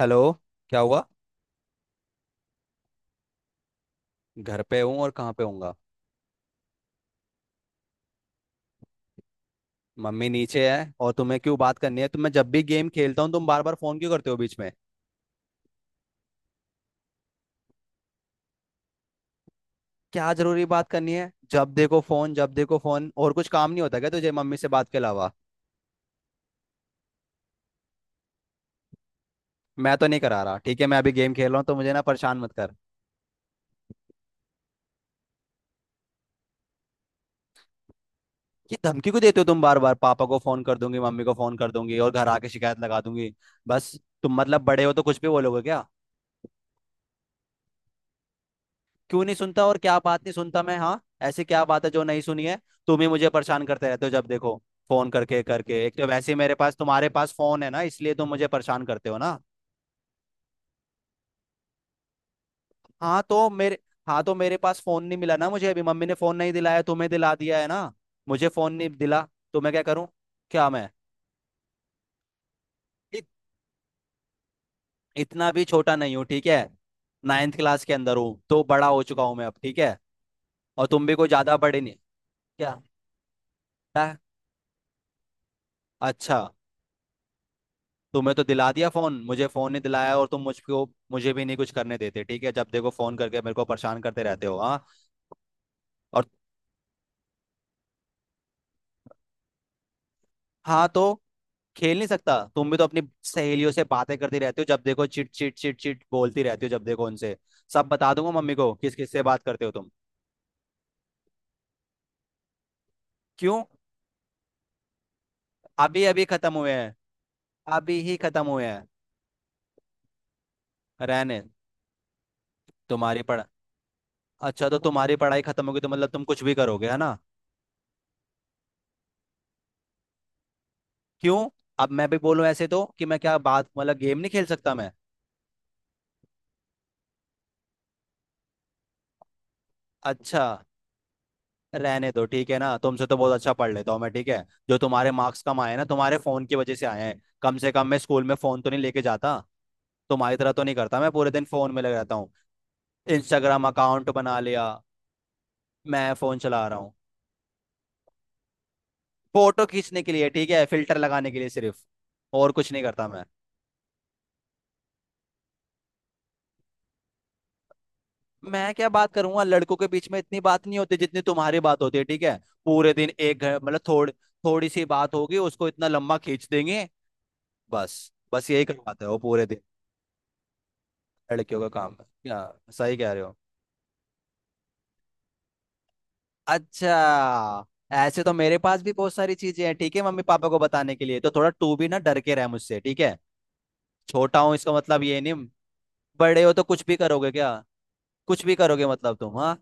Hello. क्या हुआ। घर पे हूँ और कहाँ पे होऊंगा। मम्मी नीचे है और तुम्हें क्यों बात करनी है? तो मैं जब भी गेम खेलता हूँ तुम बार बार फोन क्यों करते हो बीच में? क्या जरूरी बात करनी है? जब देखो फोन, जब देखो फोन, और कुछ काम नहीं होता क्या तुझे मम्मी से बात के अलावा? मैं तो नहीं करा रहा, ठीक है। मैं अभी गेम खेल रहा हूँ तो मुझे ना परेशान मत कर। ये धमकी क्यों देते हो तुम बार बार, पापा को फोन कर दूंगी, मम्मी को फोन कर दूंगी और घर आके शिकायत लगा दूंगी। बस। तुम मतलब बड़े हो तो कुछ भी बोलोगे क्या? क्यों नहीं सुनता? और क्या बात नहीं सुनता मैं? हाँ, ऐसी क्या बात है जो नहीं सुनी है? तुम ही मुझे परेशान करते रहते हो जब देखो। फोन करके करके, एक तो वैसे ही मेरे पास, तुम्हारे पास फोन है ना इसलिए तुम मुझे परेशान करते हो ना। हाँ तो मेरे हाँ तो मेरे पास फोन नहीं मिला ना, मुझे अभी मम्मी ने फोन नहीं दिलाया, तुम्हें दिला दिया है ना। मुझे फोन नहीं दिला तो मैं क्या करूँ? क्या मैं। इत, इतना भी छोटा नहीं हूँ, ठीक है। 9th क्लास के अंदर हूँ तो बड़ा हो चुका हूँ मैं अब, ठीक है। और तुम भी कोई ज्यादा बड़े नहीं। क्या? क्या? अच्छा। तुम्हें तो दिला दिया फोन, मुझे फोन नहीं दिलाया और तुम मुझको। मुझे भी नहीं कुछ करने देते, ठीक है। जब देखो फोन करके मेरे को परेशान करते रहते हो। हाँ। और। हाँ तो खेल नहीं सकता? तुम भी तो अपनी सहेलियों से बातें करती रहती हो जब देखो, चिट चिट चिट चिट बोलती रहती हो जब देखो उनसे। सब बता दूंगा मम्मी को किस किस से बात करते हो तुम। क्यों? अभी अभी खत्म हुए हैं? अभी ही खत्म हुए हैं। रहने। तुम्हारी पढ़। अच्छा तो तुम्हारी पढ़ाई खत्म होगी तो मतलब तुम कुछ भी करोगे है ना? क्यों? अब मैं भी बोलूं ऐसे तो कि मैं क्या बात मतलब गेम नहीं खेल सकता मैं? अच्छा, रहने दो, ठीक है ना। तुमसे तो बहुत अच्छा पढ़ लेता हूँ मैं, ठीक है। जो तुम्हारे मार्क्स कम आए हैं ना तुम्हारे फोन की वजह से आए हैं। कम से कम मैं स्कूल में फोन तो नहीं लेके जाता। तुम्हारी तरह तो नहीं करता मैं पूरे दिन फोन में लग रहता हूँ। इंस्टाग्राम अकाउंट बना लिया। मैं फोन चला रहा हूँ फोटो खींचने के लिए, ठीक है, फिल्टर लगाने के लिए सिर्फ। और कुछ नहीं करता मैं। मैं क्या बात करूंगा? लड़कों के बीच में इतनी बात नहीं होती जितनी तुम्हारी बात होती है, ठीक है। पूरे दिन एक मतलब थोड़ी, थोड़ी सी बात होगी उसको इतना लंबा खींच देंगे। बस। बस यही करवाते हो पूरे दिन। लड़कियों का काम है क्या? सही कह रहे हो। अच्छा। ऐसे तो मेरे पास भी बहुत सारी चीजें हैं, ठीक है, मम्मी पापा को बताने के लिए। तो थोड़ा तू भी ना डर के रह मुझसे, ठीक है। छोटा हूँ इसका मतलब ये नहीं। बड़े हो तो कुछ भी करोगे क्या? कुछ भी करोगे मतलब तुम? हाँ,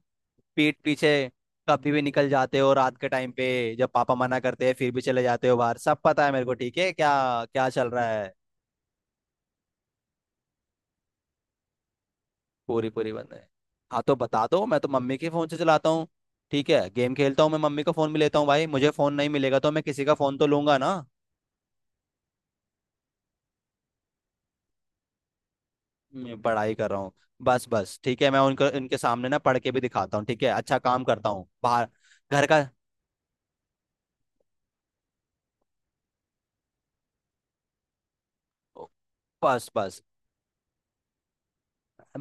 पीठ पीछे कभी भी निकल जाते हो रात के टाइम पे। जब पापा मना करते हैं फिर भी चले जाते हो बाहर, सब पता है मेरे को, ठीक है क्या? क्या चल रहा है? पूरी पूरी बंद है। हाँ तो बता दो, मैं तो मम्मी के फोन से चलाता हूँ, ठीक है। गेम खेलता हूँ मैं, मम्मी का फोन भी लेता हूँ भाई, मुझे फोन नहीं मिलेगा तो मैं किसी का फोन तो लूंगा ना। मैं पढ़ाई कर रहा हूँ। बस बस, ठीक है, मैं उनका उनके सामने ना पढ़ के भी दिखाता हूँ, ठीक है। अच्छा काम करता हूँ बाहर। घर का। बस बस,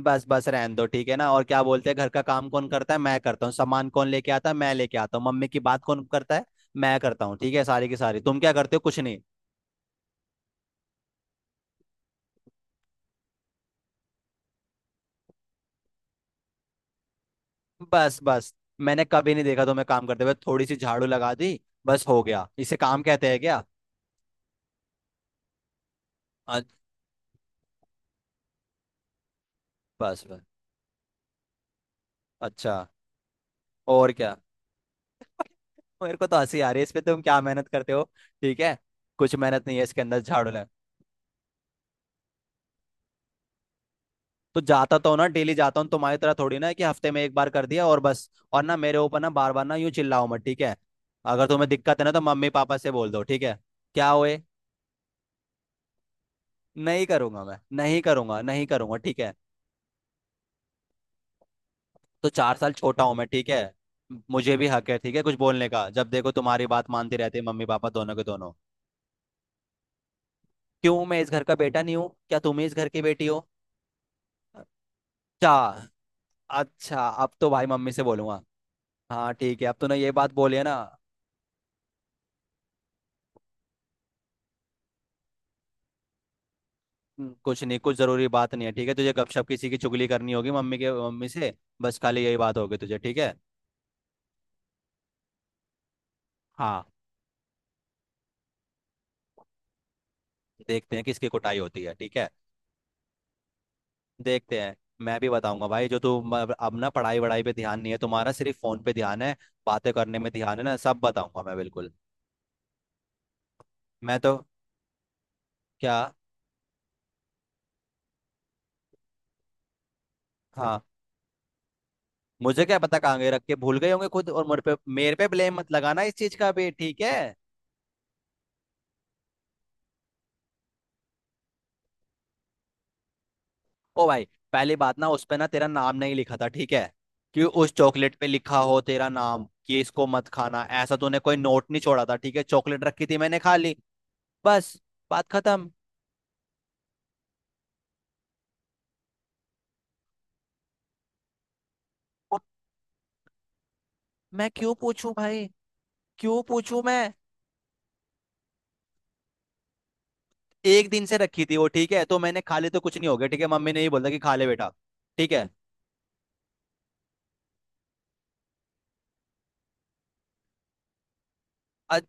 बस बस, रहने दो ठीक है ना। और क्या बोलते हैं, घर का काम कौन करता है? मैं करता हूँ। सामान कौन लेके आता है? मैं लेके आता हूँ। मम्मी की बात कौन करता है? मैं करता हूँ, ठीक है। सारी की सारी तुम क्या करते हो? कुछ नहीं। बस बस। मैंने कभी नहीं देखा तुम्हें काम करते हुए, थोड़ी सी झाड़ू लगा दी बस हो गया, इसे काम कहते हैं क्या? अ- बस बस। अच्छा। और क्या। मेरे को तो हंसी आ रही है इस पे, तुम क्या मेहनत करते हो? ठीक है, कुछ मेहनत नहीं है इसके अंदर झाड़ू लगा। तो जाता तो हूं ना, डेली जाता हूँ, तुम्हारी तरह थोड़ी ना है कि हफ्ते में एक बार कर दिया और बस। और ना मेरे ऊपर ना बार बार ना यूं चिल्लाओ मत, ठीक है। अगर तुम्हें दिक्कत है ना तो मम्मी पापा से बोल दो, ठीक है। क्या हुए? नहीं करूंगा मैं, नहीं करूंगा, नहीं करूंगा, ठीक है। तो 4 साल छोटा हूं मैं, ठीक है। मुझे भी हक है, ठीक है, कुछ बोलने का। जब देखो तुम्हारी बात मानते रहते हैं मम्मी पापा दोनों के दोनों। क्यों मैं इस घर का बेटा नहीं हूँ क्या? तुम ही इस घर की बेटी हो? अच्छा, अच्छा, अब तो भाई मम्मी से बोलूंगा। हाँ ठीक है, अब तूने ये बात बोली है ना। कुछ नहीं, कुछ जरूरी बात नहीं है, ठीक है। तुझे गपशप किसी की चुगली करनी होगी मम्मी के, मम्मी से। बस खाली यही बात होगी तुझे, ठीक है। हाँ। देखते हैं किसकी कुटाई होती है, ठीक है। देखते हैं। मैं भी बताऊंगा भाई, जो तू अब ना पढ़ाई वढ़ाई पे ध्यान नहीं है तुम्हारा, सिर्फ फोन पे ध्यान है, बातें करने में ध्यान है ना। सब बताऊंगा मैं बिल्कुल। मैं तो। क्या। हाँ, मुझे क्या पता कहाँ गए, रख के भूल गए होंगे खुद, और मेरे पे ब्लेम मत लगाना इस चीज का भी, ठीक है। ओ भाई, पहली बात, ना उस पे ना तेरा नाम नहीं लिखा था, ठीक है, कि उस चॉकलेट पे लिखा हो तेरा नाम कि इसको मत खाना, ऐसा तूने कोई नोट नहीं छोड़ा था, ठीक है। चॉकलेट रखी थी मैंने खा ली। बस, बात खत्म। अब मैं क्यों पूछूं भाई, क्यों पूछूं मैं। एक दिन से रखी थी वो, ठीक है, तो मैंने खा ली तो कुछ नहीं हो गया, ठीक है। मम्मी ने ये बोला कि खा ले बेटा, ठीक है। अ-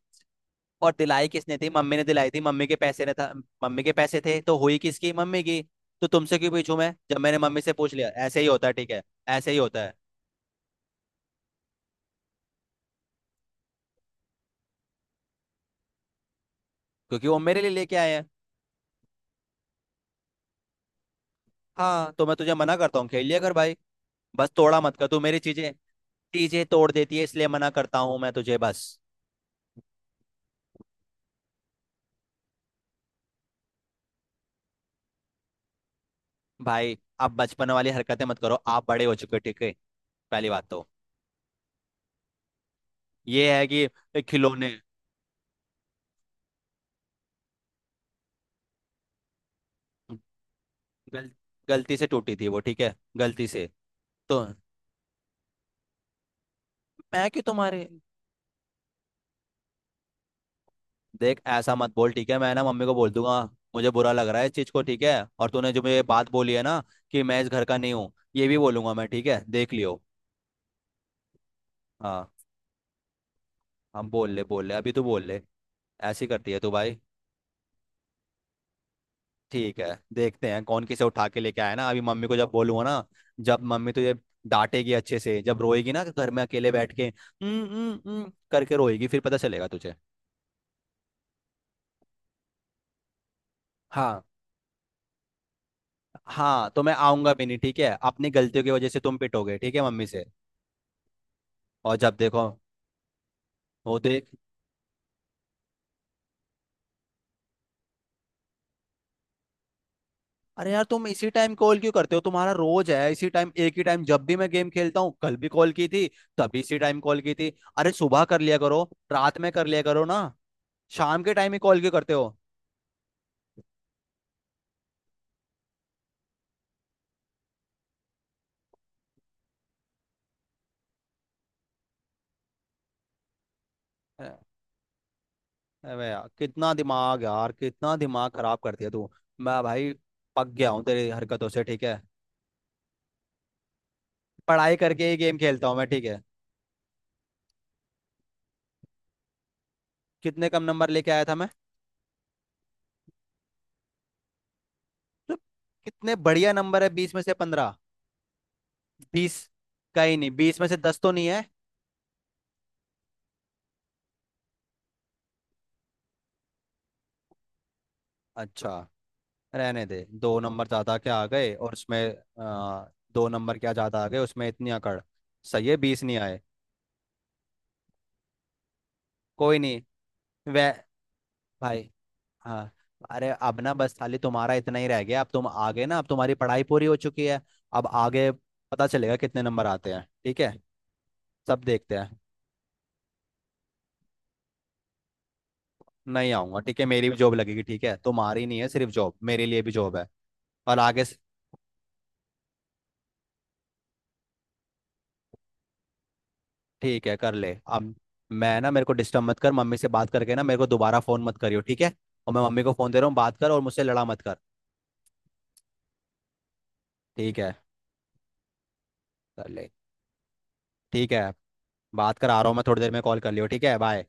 और दिलाई किसने थी, मम्मी ने दिलाई थी, मम्मी के पैसे ने था, मम्मी के पैसे थे तो हुई किसकी? मम्मी की। तो तुमसे क्यों पूछूं मैं जब मैंने मम्मी से पूछ लिया, ऐसे ही होता है, ठीक है। ऐसे ही होता है क्योंकि वो मेरे लिए लेके आए हैं। हाँ तो मैं तुझे मना करता हूँ खेल लिया कर भाई, बस तोड़ा मत कर तू मेरी चीजें। चीजें तोड़ देती है इसलिए मना करता हूँ मैं तुझे, बस। भाई आप बचपन वाली हरकतें मत करो, आप बड़े हो चुके हो, ठीक है। पहली बात तो ये है कि खिलौने। गल, गलती से टूटी थी वो, ठीक है, गलती से। तो मैं कि तुम्हारे देख ऐसा मत बोल, ठीक है। मैं ना मम्मी को बोल दूंगा, मुझे बुरा लग रहा है इस चीज को, ठीक है। और तूने जो मुझे बात बोली है ना कि मैं इस घर का नहीं हूँ, ये भी बोलूंगा मैं, ठीक है, देख लियो। हाँ, हम बोल ले अभी तू बोल ले, ऐसी करती है तू भाई। ठीक है, देखते हैं कौन किसे उठा के लेके आया ना, अभी मम्मी को जब बोलूंगा ना, जब मम्मी तुझे डांटेगी अच्छे से, जब रोएगी ना घर में अकेले बैठ के करके रोएगी फिर पता चलेगा तुझे। हाँ। हाँ तो मैं आऊंगा भी नहीं, ठीक है। अपनी गलतियों की वजह से तुम पिटोगे, ठीक है, मम्मी से। और जब देखो। वो देख, अरे यार, तुम इसी टाइम कॉल क्यों करते हो? तुम्हारा रोज है इसी टाइम, एक ही टाइम, जब भी मैं गेम खेलता हूँ, कल भी कॉल की थी, तभी इसी टाइम कॉल की थी। अरे सुबह कर लिया करो, रात में कर लिया करो ना, शाम के टाइम ही कॉल क्यों करते हो? अ- अबे यार कितना दिमाग, यार कितना दिमाग खराब करती है तू। मैं भाई पक गया हूँ तेरी हरकतों से, ठीक है। पढ़ाई करके ही गेम खेलता हूँ मैं, ठीक है। कितने कम नंबर लेके आया था मैं? मतलब कितने बढ़िया नंबर है, 20 में से 15। 20 का ही नहीं, 20 में से 10 तो नहीं है। अच्छा, रहने दे, 2 नंबर ज्यादा क्या आ गए और उसमें। आ, 2 नंबर क्या ज्यादा आ गए उसमें इतनी अकड़। सही है 20 नहीं आए। कोई नहीं। वे भाई, हाँ, अरे अब ना बस खाली तुम्हारा इतना ही रह गया, अब तुम आ गए ना, अब तुम्हारी पढ़ाई पूरी हो चुकी है। अब आगे पता चलेगा कितने नंबर आते हैं, ठीक है, सब देखते हैं। नहीं आऊंगा, ठीक है। मेरी भी जॉब लगेगी, ठीक है, तुम्हारी नहीं है सिर्फ जॉब, मेरे लिए भी जॉब है। और आगे। ठीक है, कर ले। अब मैं ना, मेरे को डिस्टर्ब मत कर, मम्मी से बात करके ना मेरे को दोबारा फोन मत करियो, ठीक है। और मैं मम्मी को फोन दे रहा हूँ, बात कर और मुझसे लड़ा मत कर। ठीक है, कर ले। ठीक है, बात कर, आ रहा हूँ मैं थोड़ी देर में, कॉल कर लियो, ठीक है, बाय।